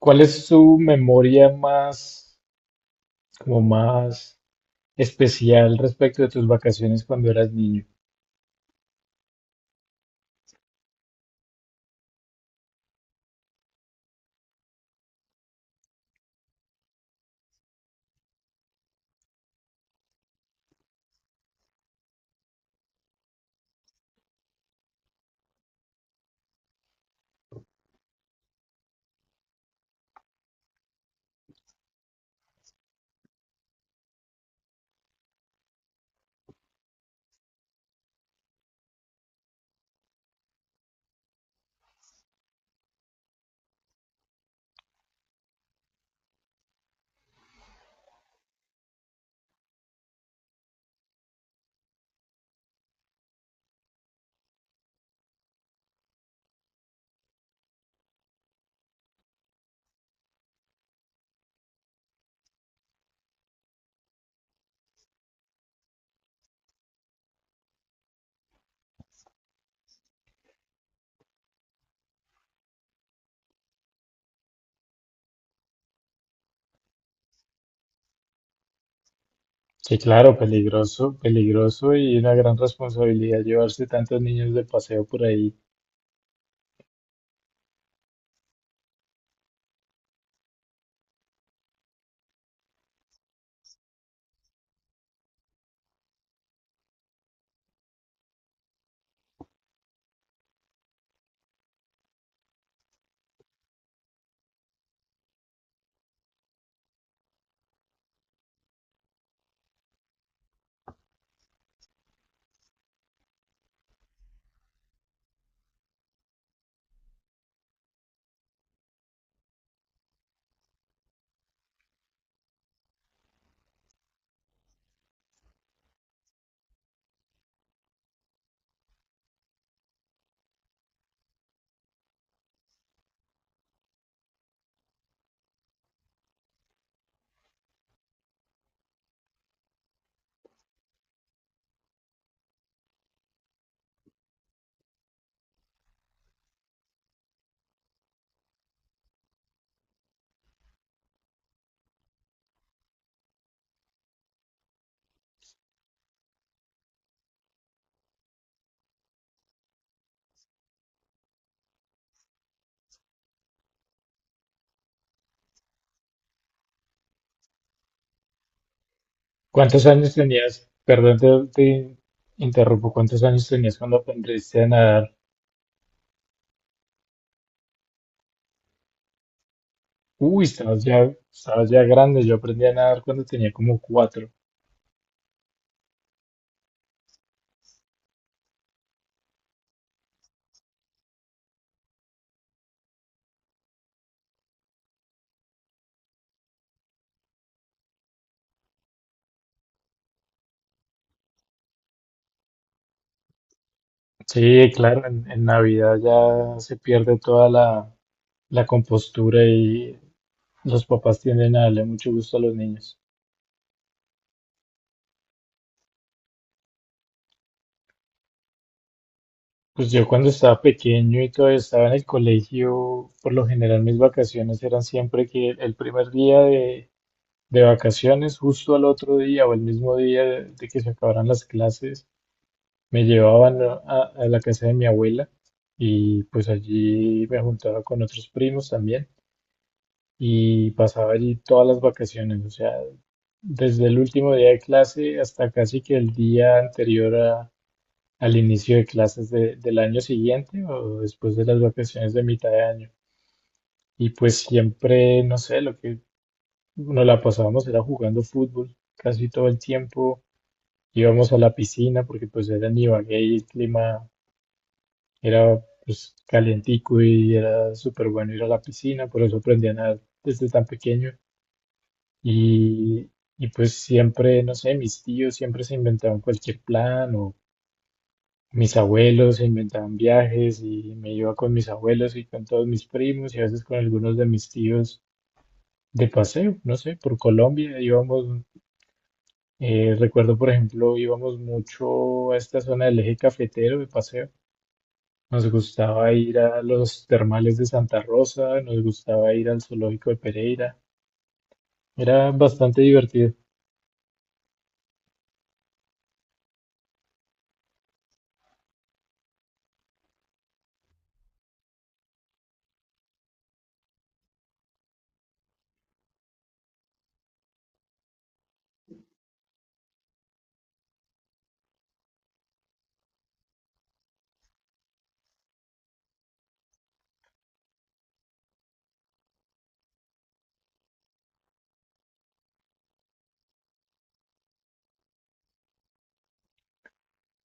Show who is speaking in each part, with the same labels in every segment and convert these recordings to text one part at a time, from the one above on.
Speaker 1: ¿Cuál es su memoria más, como más especial respecto de tus vacaciones cuando eras niño? Que claro, peligroso, peligroso y una gran responsabilidad llevarse tantos niños de paseo por ahí. ¿Cuántos años tenías? Perdón, te interrumpo. ¿Cuántos años tenías cuando aprendiste a nadar? Uy, estabas ya grande. Yo aprendí a nadar cuando tenía como 4. Sí, claro, en Navidad ya se pierde toda la compostura y los papás tienden a darle mucho gusto a los niños. Pues yo cuando estaba pequeño y todavía estaba en el colegio, por lo general mis vacaciones eran siempre que el primer día de vacaciones, justo al otro día o el mismo día de, que se acabaran las clases, me llevaban a la casa de mi abuela, y pues allí me juntaba con otros primos también y pasaba allí todas las vacaciones, o sea, desde el último día de clase hasta casi que el día anterior a al inicio de clases del año siguiente o después de las vacaciones de mitad de año. Y pues siempre, no sé, lo que nos la pasábamos era jugando fútbol casi todo el tiempo. Íbamos a la piscina porque pues era en Ibagué y el clima era pues calientico y era súper bueno ir a la piscina, por eso aprendí a nadar desde tan pequeño. Y, y pues siempre, no sé, mis tíos siempre se inventaban cualquier plan o mis abuelos se inventaban viajes y me iba con mis abuelos y con todos mis primos y a veces con algunos de mis tíos de paseo, no sé, por Colombia íbamos, recuerdo, por ejemplo, íbamos mucho a esta zona del eje cafetero de paseo. Nos gustaba ir a los termales de Santa Rosa, nos gustaba ir al zoológico de Pereira. Era bastante divertido.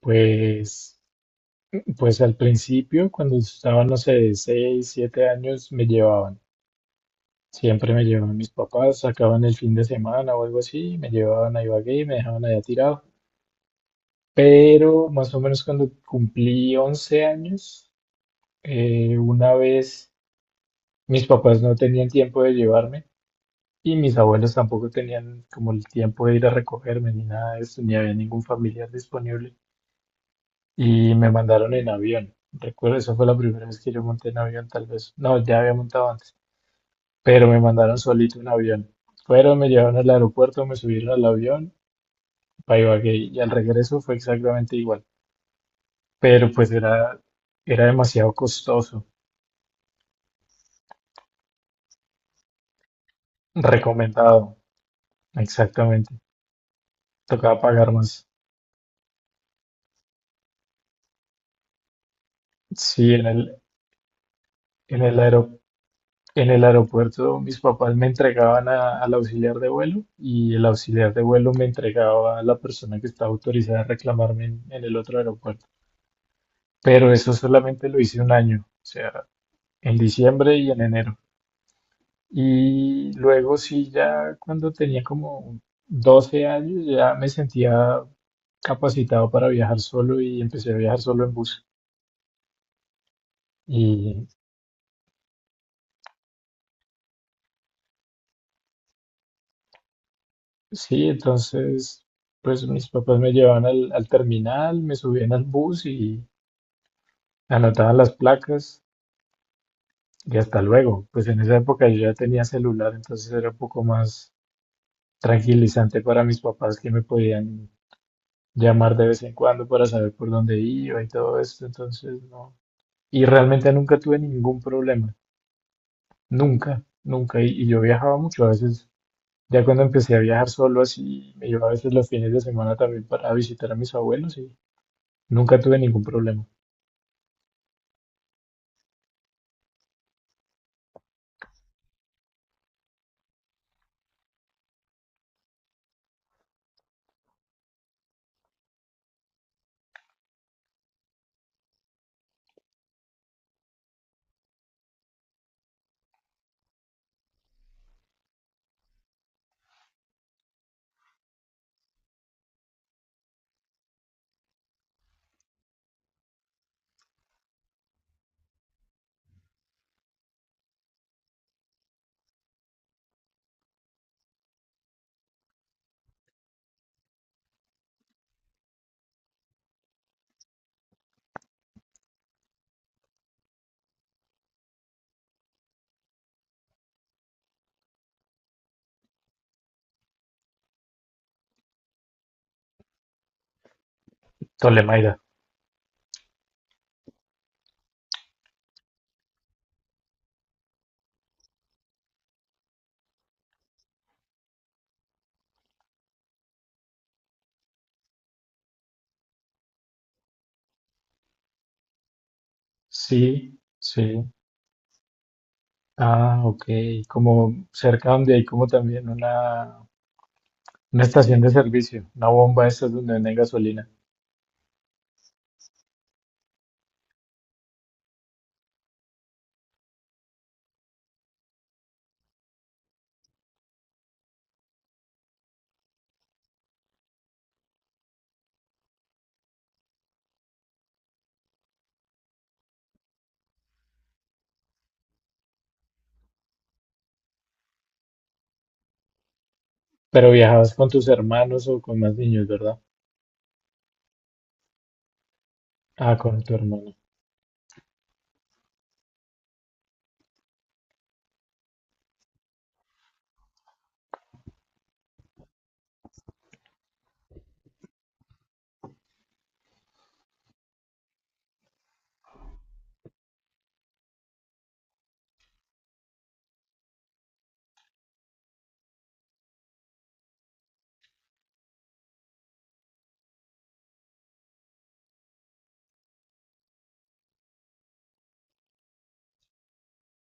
Speaker 1: Pues, pues al principio, cuando estaba, no sé, de 6, 7 años, me llevaban. Siempre me llevaban mis papás, sacaban el fin de semana o algo así, me llevaban a Ibagué y me dejaban allá tirado. Pero más o menos cuando cumplí 11 años, una vez mis papás no tenían tiempo de llevarme y mis abuelos tampoco tenían como el tiempo de ir a recogerme ni nada de eso, ni había ningún familiar disponible. Y me mandaron en avión. Recuerdo, esa fue la primera vez que yo monté en avión, tal vez. No, ya había montado antes, pero me mandaron solito en avión. Fueron, me llevaron al aeropuerto, me subieron al avión pa' Ibagué y al regreso fue exactamente igual, pero pues era, era demasiado costoso, recomendado, exactamente, tocaba pagar más. Sí, en el aero- en el aeropuerto mis papás me entregaban al auxiliar de vuelo y el auxiliar de vuelo me entregaba a la persona que estaba autorizada a reclamarme en, el otro aeropuerto, pero eso solamente lo hice un año, o sea, en diciembre y en enero. Y luego sí, ya cuando tenía como 12 años, ya me sentía capacitado para viajar solo y empecé a viajar solo en bus. Y sí, entonces, pues mis papás me llevaban al terminal, me subían al bus y anotaban las placas y hasta luego. Pues en esa época yo ya tenía celular, entonces era un poco más tranquilizante para mis papás que me podían llamar de vez en cuando para saber por dónde iba y todo esto. Entonces, no. Y realmente nunca tuve ningún problema, nunca, nunca. Y yo viajaba mucho, a veces, ya cuando empecé a viajar solo así, me llevaba a veces los fines de semana también para visitar a mis abuelos y nunca tuve ningún problema. Tolemaida. Sí, sí. Ah, ok. Como cerca donde hay como también una estación de servicio, una bomba esa donde venden gasolina. Pero viajabas con tus hermanos o con más niños, ¿verdad? Ah, con tu hermano.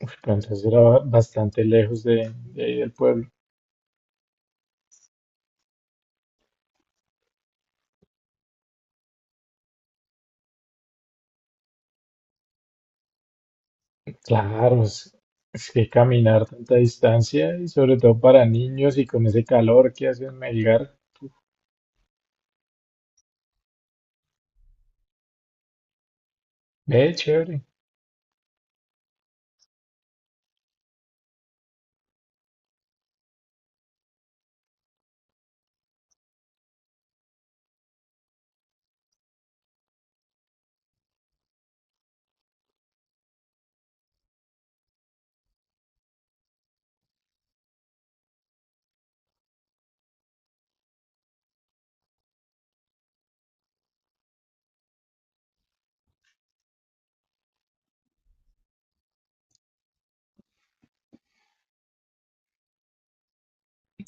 Speaker 1: Uf, pero entonces era ba- bastante lejos de ahí del pueblo. Claro, es que caminar tanta distancia y sobre todo para niños y con ese calor que hace en Melgar. Ve, chévere.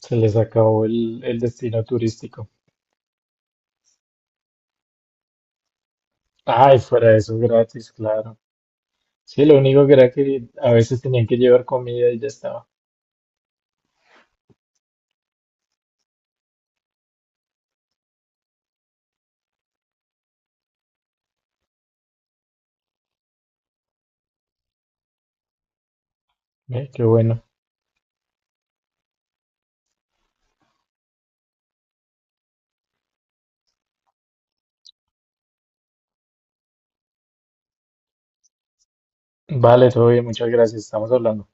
Speaker 1: Se les acabó el destino turístico. Ay, fuera de eso, gratis, claro. Sí, lo único que era que a veces tenían que llevar comida y ya estaba. Ve, qué bueno. Vale, todo bien, muchas gracias. Estamos hablando.